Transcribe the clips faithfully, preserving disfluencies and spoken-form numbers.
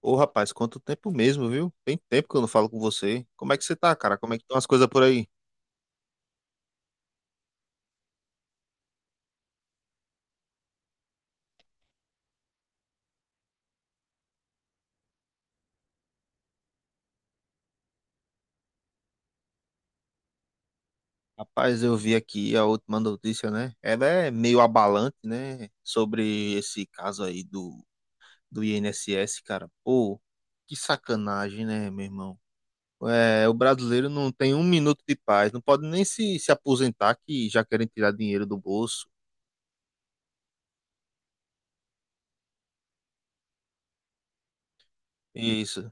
Ô, rapaz, quanto tempo mesmo, viu? Tem tempo que eu não falo com você. Como é que você tá, cara? Como é que estão as coisas por aí? Rapaz, eu vi aqui a última notícia, né? Ela é meio abalante, né? Sobre esse caso aí do, do I N S S, cara. Pô, que sacanagem, né, meu irmão? É, o brasileiro não tem um minuto de paz, não pode nem se, se aposentar que já querem tirar dinheiro do bolso. Isso,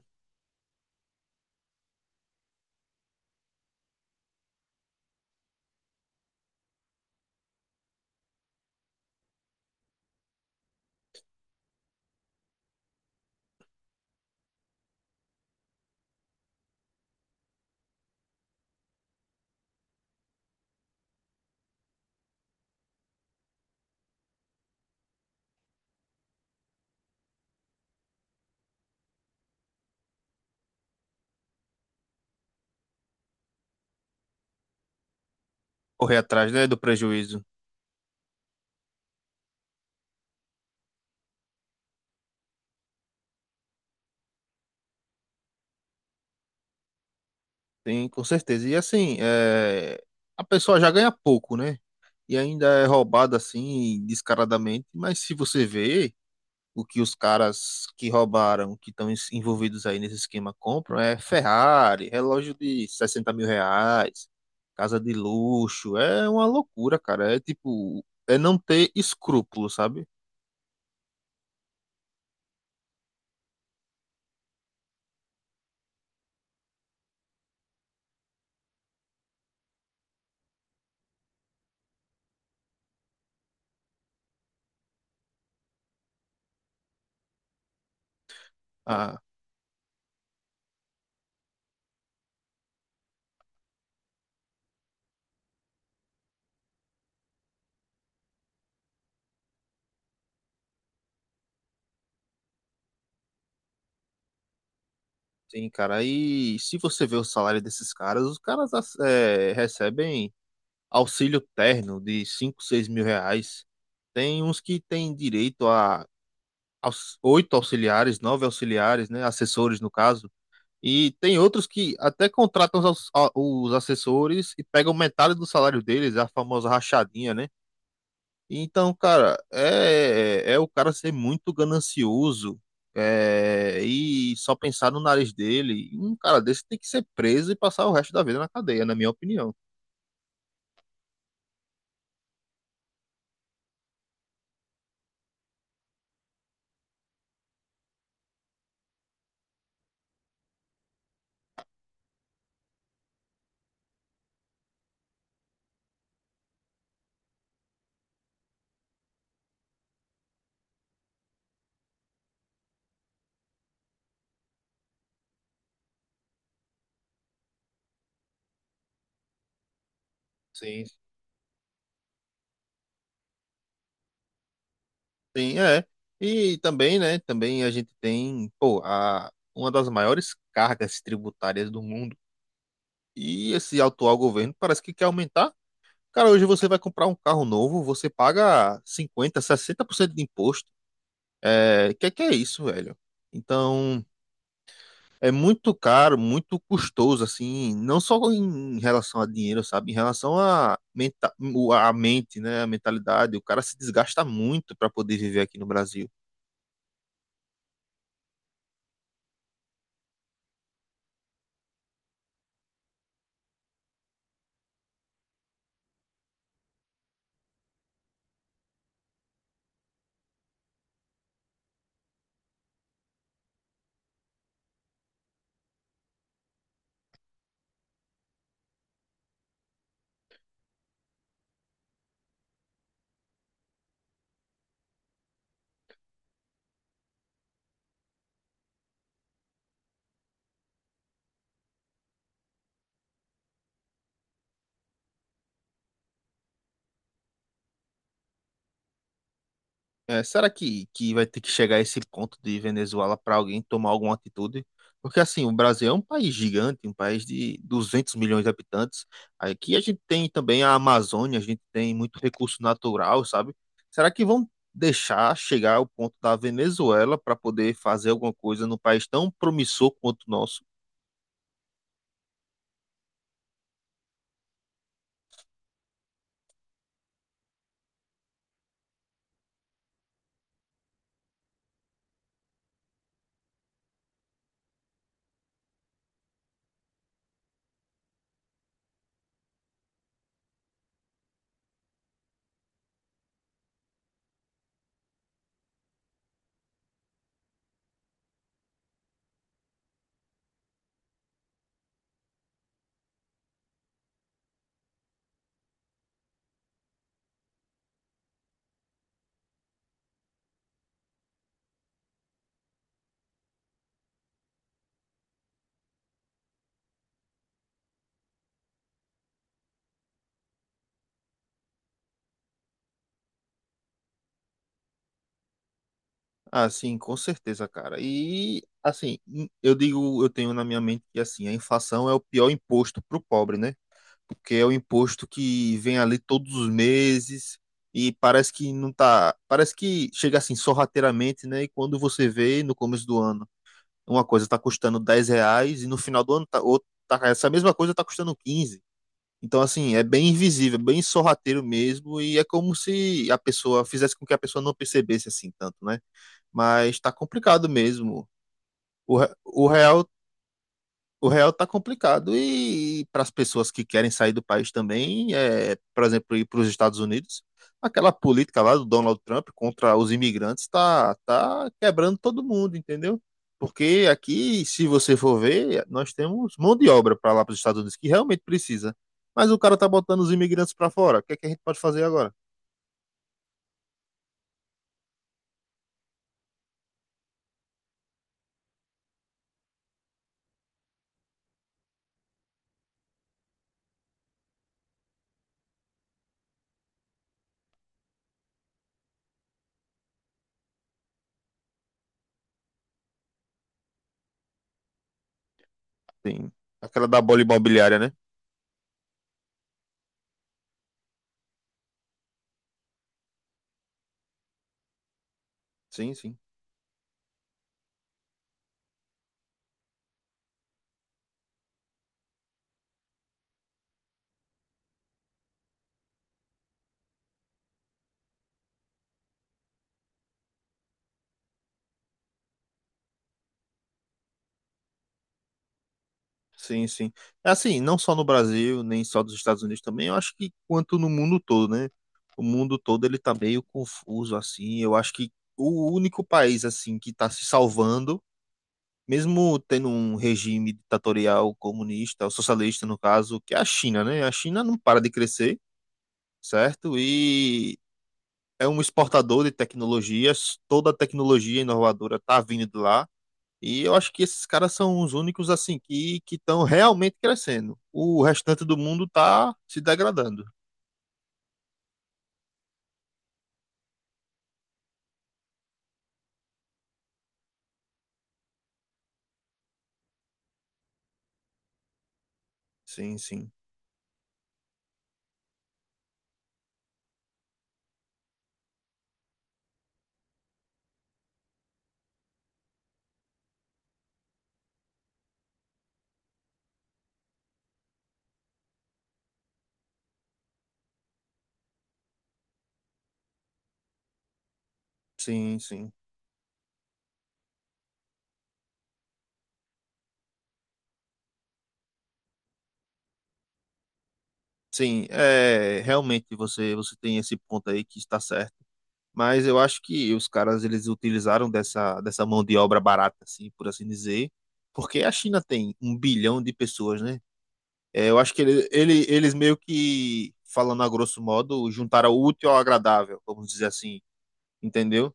correr atrás, né, do prejuízo. Tem, com certeza. E assim, é, a pessoa já ganha pouco, né? E ainda é roubado assim, descaradamente. Mas se você vê o que os caras que roubaram, que estão envolvidos aí nesse esquema, compram, é Ferrari, relógio de sessenta mil reais, casa de luxo. É uma loucura, cara. É tipo, é não ter escrúpulo, sabe? Ah, sim, cara. E se você vê o salário desses caras, os caras ass- é, recebem auxílio terno de cinco seis mil reais. Tem uns que têm direito a aux- oito auxiliares, nove auxiliares, né, assessores no caso, e tem outros que até contratam os, aux- a- os assessores e pegam metade do salário deles, a famosa rachadinha, né? Então, cara, é, é é o cara ser muito ganancioso, é, e só pensar no nariz dele. Um cara desse tem que ser preso e passar o resto da vida na cadeia, na minha opinião. Sim. Sim, é. E também, né? Também a gente tem, pô, a, uma das maiores cargas tributárias do mundo. E esse atual governo parece que quer aumentar. Cara, hoje você vai comprar um carro novo, você paga cinquenta por cento, sessenta por cento de imposto. É, que que é isso, velho? Então, é muito caro, muito custoso, assim, não só em relação a dinheiro, sabe? Em relação a, menta, o- a mente, né? A mentalidade. O cara se desgasta muito para poder viver aqui no Brasil. É, será que, que vai ter que chegar a esse ponto de Venezuela para alguém tomar alguma atitude? Porque, assim, o Brasil é um país gigante, um país de duzentos milhões de habitantes. Aqui a gente tem também a Amazônia, a gente tem muito recurso natural, sabe? Será que vão deixar chegar ao ponto da Venezuela para poder fazer alguma coisa num país tão promissor quanto o nosso? Ah, sim, com certeza, cara. E, assim, eu digo, eu tenho na minha mente que, assim, a inflação é o pior imposto para o pobre, né? Porque é o imposto que vem ali todos os meses e parece que não tá, parece que chega assim sorrateiramente, né? E quando você vê no começo do ano, uma coisa tá custando dez reais e no final do ano tá, outra- tá- essa mesma coisa tá custando quinze. Então, assim, é bem invisível, bem sorrateiro mesmo, e é como se a pessoa fizesse com que a pessoa não percebesse assim tanto, né? Mas tá complicado mesmo. O, re- o real o real tá complicado e, para as pessoas que querem sair do país também, é, por exemplo, ir para os Estados Unidos, aquela política lá do Donald Trump contra os imigrantes tá, tá quebrando todo mundo, entendeu? Porque aqui, se você for ver, nós temos mão de obra para lá para os Estados Unidos que realmente precisa. Mas o cara tá botando os imigrantes para fora. O que é que a gente pode fazer agora? Tem aquela da bola imobiliária, né? Sim, sim. Sim, sim. É Assim, não só no Brasil, nem só dos Estados Unidos também, eu acho que quanto no mundo todo, né? O mundo todo ele tá meio confuso, assim. Eu acho que o único país, assim, que tá se salvando, mesmo tendo um regime ditatorial comunista, ou socialista, no caso, que é a China, né? A China não para de crescer, certo? E é um exportador de tecnologias, toda a tecnologia inovadora tá vindo de lá. E eu acho que esses caras são os únicos assim que que estão realmente crescendo. O restante do mundo tá se degradando. Sim, sim. Sim, sim. Sim, é, realmente você você tem esse ponto aí que está certo. Mas eu acho que os caras eles utilizaram dessa dessa mão de obra barata assim, por assim dizer, porque a China tem um bilhão de pessoas, né? É, eu acho que ele, ele- eles meio que falando a grosso modo juntaram o útil ao agradável, vamos dizer assim, entendeu?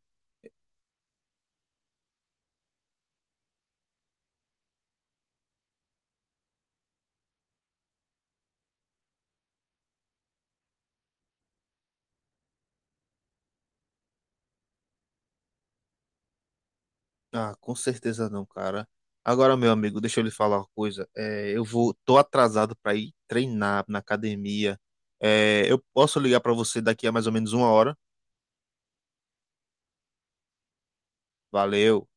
Ah, com certeza não, cara. Agora, meu amigo, deixa eu lhe falar uma coisa. É, eu vou, tô atrasado para ir treinar na academia. É, eu posso ligar para você daqui a mais ou menos uma hora. Valeu.